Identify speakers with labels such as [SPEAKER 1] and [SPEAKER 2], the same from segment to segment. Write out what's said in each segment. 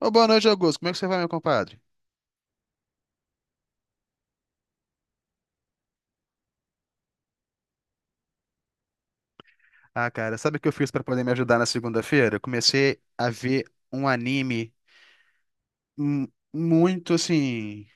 [SPEAKER 1] Ô, boa noite, Augusto. Como é que você vai, meu compadre? Ah, cara, sabe o que eu fiz pra poder me ajudar na segunda-feira? Eu comecei a ver um anime muito assim.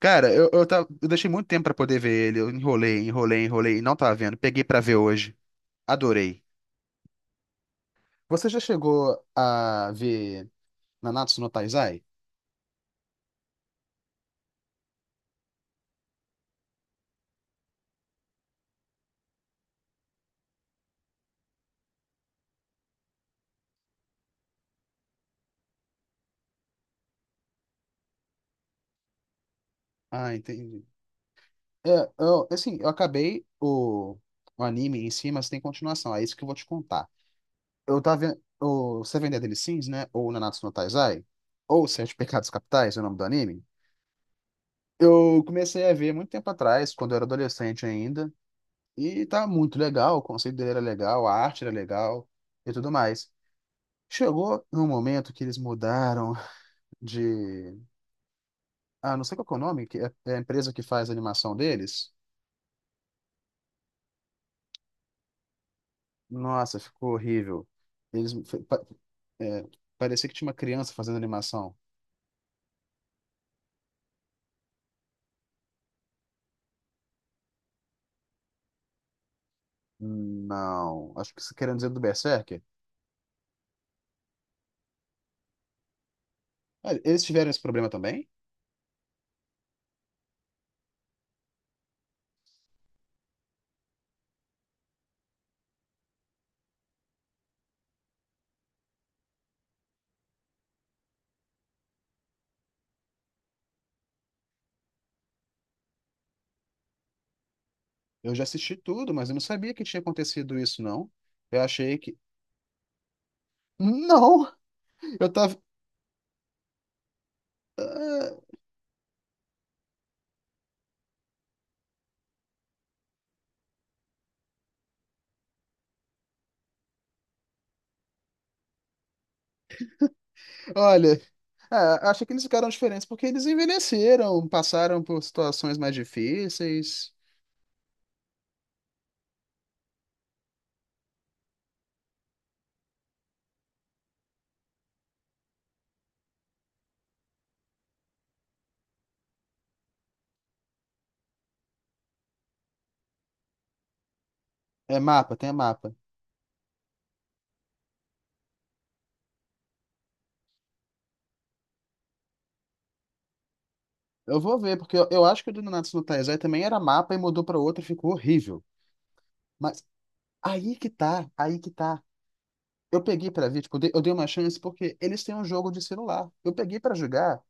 [SPEAKER 1] Cara, eu deixei muito tempo pra poder ver ele. Eu enrolei, enrolei, enrolei e não tava vendo. Peguei pra ver hoje. Adorei. Você já chegou a ver Nanatsu no Taizai? Ah, entendi. É, assim, eu acabei o anime em si, mas tem continuação. É isso que eu vou te contar. Eu tava vendo o Seven Deadly Sins, né? Ou Nanatsu no Taizai, ou Sete Pecados Capitais, é o nome do anime. Eu comecei a ver muito tempo atrás, quando eu era adolescente ainda, e tá muito legal, o conceito dele era legal, a arte era legal e tudo mais. Chegou num momento que eles mudaram de. Ah, não sei qual que é o nome, que é a empresa que faz a animação deles. Nossa, ficou horrível. Eles. Fe- pa- é, Parecia que tinha uma criança fazendo animação. Não, acho que você querendo dizer do Berserker. Olha, eles tiveram esse problema também? Eu já assisti tudo, mas eu não sabia que tinha acontecido isso, não. Eu achei que. Não! Eu tava. Ah, olha, acho que eles ficaram diferentes porque eles envelheceram, passaram por situações mais difíceis. É mapa, tem a mapa. Eu vou ver, porque eu acho que o do Nanatsu no Taizai também era mapa e mudou pra outra e ficou horrível. Mas aí que tá, aí que tá. Eu peguei pra ver, tipo, eu dei uma chance porque eles têm um jogo de celular. Eu peguei pra jogar,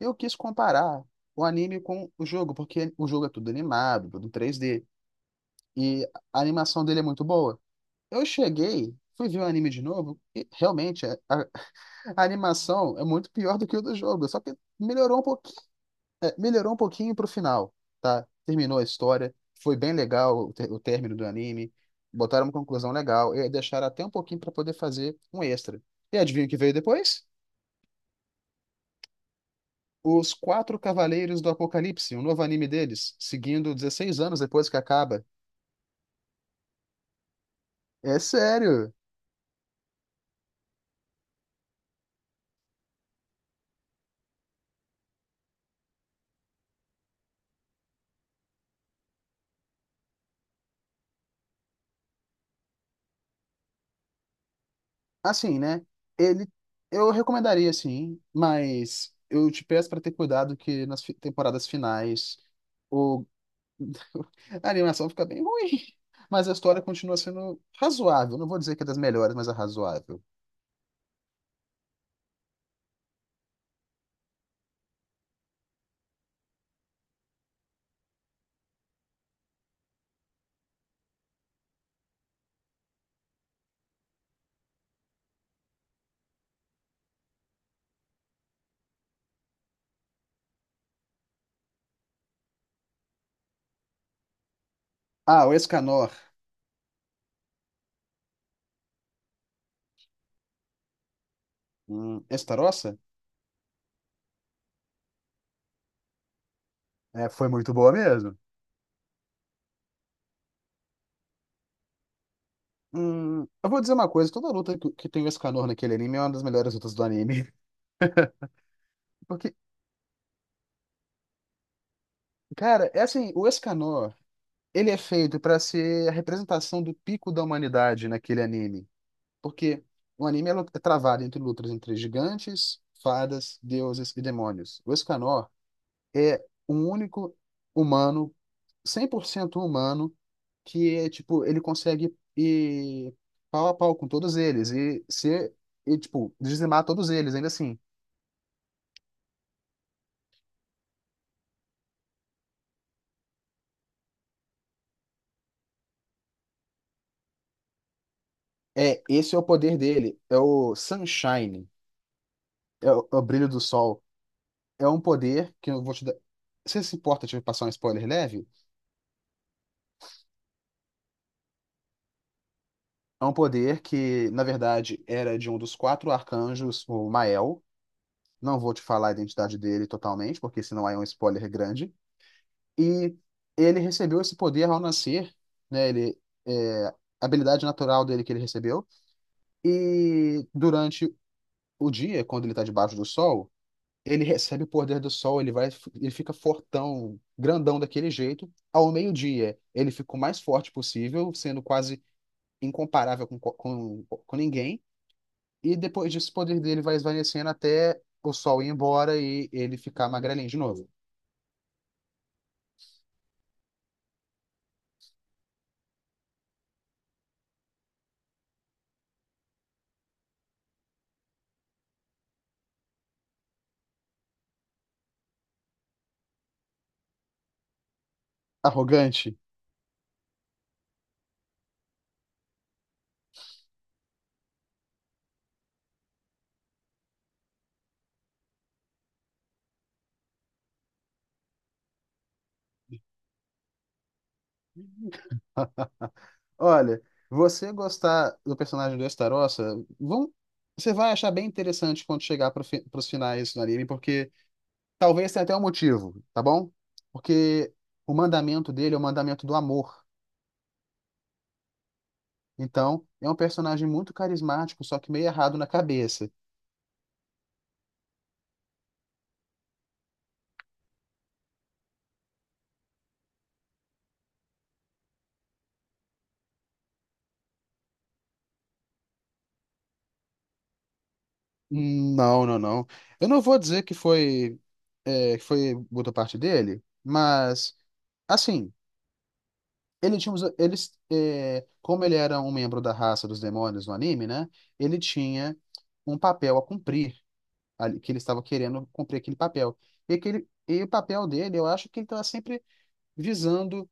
[SPEAKER 1] eu quis comparar o anime com o jogo, porque o jogo é tudo animado, tudo 3D, e a animação dele é muito boa. Eu cheguei, fui ver o anime de novo, e realmente a animação é muito pior do que o do jogo, só que melhorou um pouquinho pro final, tá? Terminou a história, foi bem legal o término do anime, botaram uma conclusão legal e deixaram até um pouquinho para poder fazer um extra. E adivinha o que veio depois? Os Quatro Cavaleiros do Apocalipse, um novo anime deles, seguindo 16 anos depois que acaba. É sério. Assim, né? Ele, eu recomendaria sim, mas eu te peço para ter cuidado que nas temporadas finais o a animação fica bem ruim, mas a história continua sendo razoável. Não vou dizer que é das melhores, mas é razoável. Ah, o Escanor, Estarossa, é, foi muito boa mesmo. Eu vou dizer uma coisa, toda luta que tem o Escanor naquele anime é uma das melhores lutas do anime. Porque, cara, é assim, o Escanor, ele é feito pra ser a representação do pico da humanidade naquele anime. Porque o anime é travado entre lutas entre gigantes, fadas, deuses e demônios. O Escanor é um único humano, 100% humano, que é, tipo, ele consegue ir pau a pau com todos eles e ser, e, tipo, dizimar todos eles, ainda assim. É, esse é o poder dele, é o Sunshine, é o brilho do sol. É um poder que eu vou te dar. Você se importa de passar um spoiler leve? É um poder que, na verdade, era de um dos quatro arcanjos, o Mael. Não vou te falar a identidade dele totalmente, porque senão aí é um spoiler grande. E ele recebeu esse poder ao nascer, né? A habilidade natural dele que ele recebeu. E durante o dia, quando ele está debaixo do sol, ele recebe o poder do sol, ele fica fortão, grandão daquele jeito. Ao meio-dia, ele fica o mais forte possível, sendo quase incomparável com ninguém. E depois disso, o poder dele vai esvanecendo até o sol ir embora e ele ficar magrelinho de novo. Arrogante. Olha, você gostar do personagem do Estarossa, vão, você vai achar bem interessante quando chegar pros finais do anime, porque talvez tenha até um motivo, tá bom? Porque o mandamento dele é o mandamento do amor. Então, é um personagem muito carismático, só que meio errado na cabeça. Não, não, não. Eu não vou dizer que foi boa parte dele, mas, assim. Ele tinha, os- eles, é, Como ele era um membro da raça dos demônios no anime, né? Ele tinha um papel a cumprir, que ele estava querendo cumprir aquele papel. E, e o papel dele, eu acho que ele estava sempre visando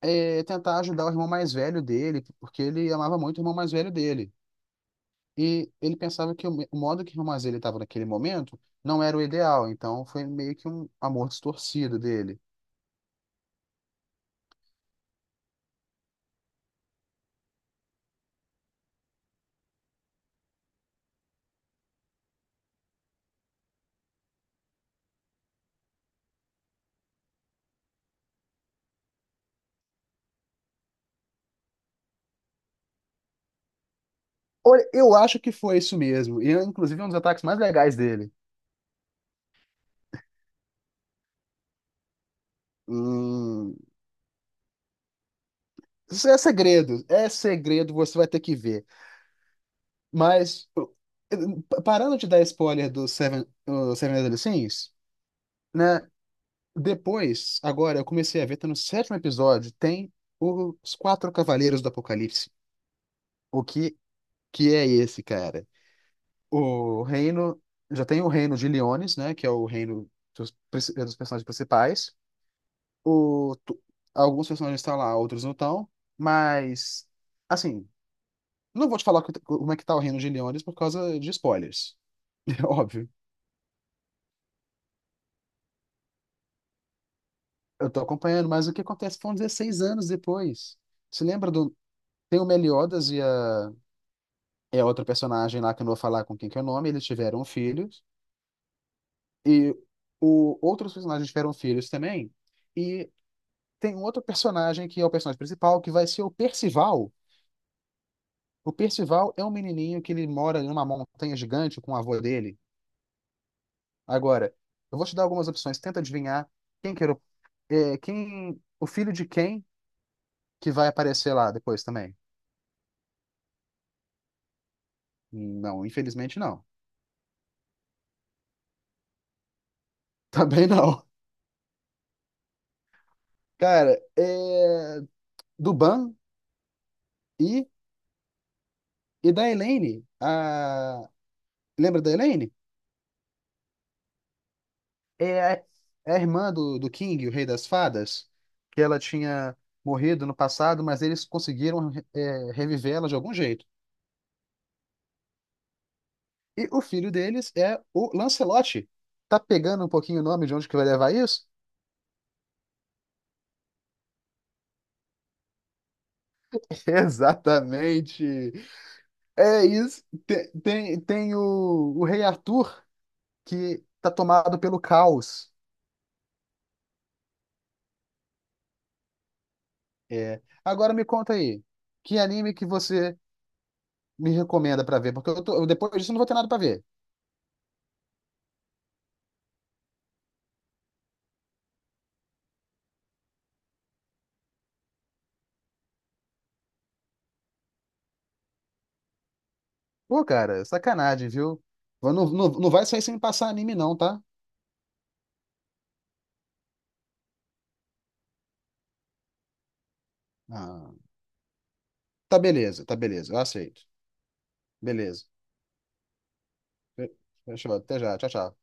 [SPEAKER 1] tentar ajudar o irmão mais velho dele, porque ele amava muito o irmão mais velho dele. E ele pensava que o modo que o irmão mais velho estava naquele momento não era o ideal, então foi meio que um amor distorcido dele. Olha, eu acho que foi isso mesmo. E, inclusive, um dos ataques mais legais dele. Hum, isso é segredo, você vai ter que ver. Mas, parando de dar spoiler do Seven, o Seven Deadly Sins, né? Depois, agora, eu comecei a ver, tá no sétimo episódio, tem os quatro cavaleiros do Apocalipse. O que, que é esse, cara? O reino, já tem o reino de Leones, né? Que é o reino dos personagens principais. O, tu- Alguns personagens estão lá, outros não estão. Mas, assim, não vou te falar como é que tá o Reino de Leones por causa de spoilers. É óbvio. Eu tô acompanhando, mas o que acontece foram 16 anos depois. Você lembra do. Tem o Meliodas e é outra personagem lá que eu não vou falar com quem que é o nome, eles tiveram filhos. E outros personagens tiveram filhos também. E tem um outro personagem que é o personagem principal, que vai ser o Percival. O Percival é um menininho que ele mora numa montanha gigante com o avô dele. Agora, eu vou te dar algumas opções, tenta adivinhar quem que era o É, quem, o filho de quem que vai aparecer lá depois também? Não, infelizmente não. Também não. Cara, é, do Ban e, e da Elaine. Lembra da Elaine? É a, é a irmã do King, o Rei das Fadas, que ela tinha morrido no passado, mas eles conseguiram reviver ela de algum jeito. E o filho deles é o Lancelote. Tá pegando um pouquinho o nome de onde que vai levar isso? Exatamente. É isso. Tem o Rei Arthur que tá tomado pelo caos. É. Agora me conta aí, que anime que você me recomenda pra ver? Porque eu depois disso eu não vou ter nada pra ver. Pô, cara, sacanagem, viu? Eu Não, não, não vai sair sem me passar anime, não, tá? Ah, tá beleza, eu aceito. Beleza. Fe- Fechou, até já, tchau, tchau.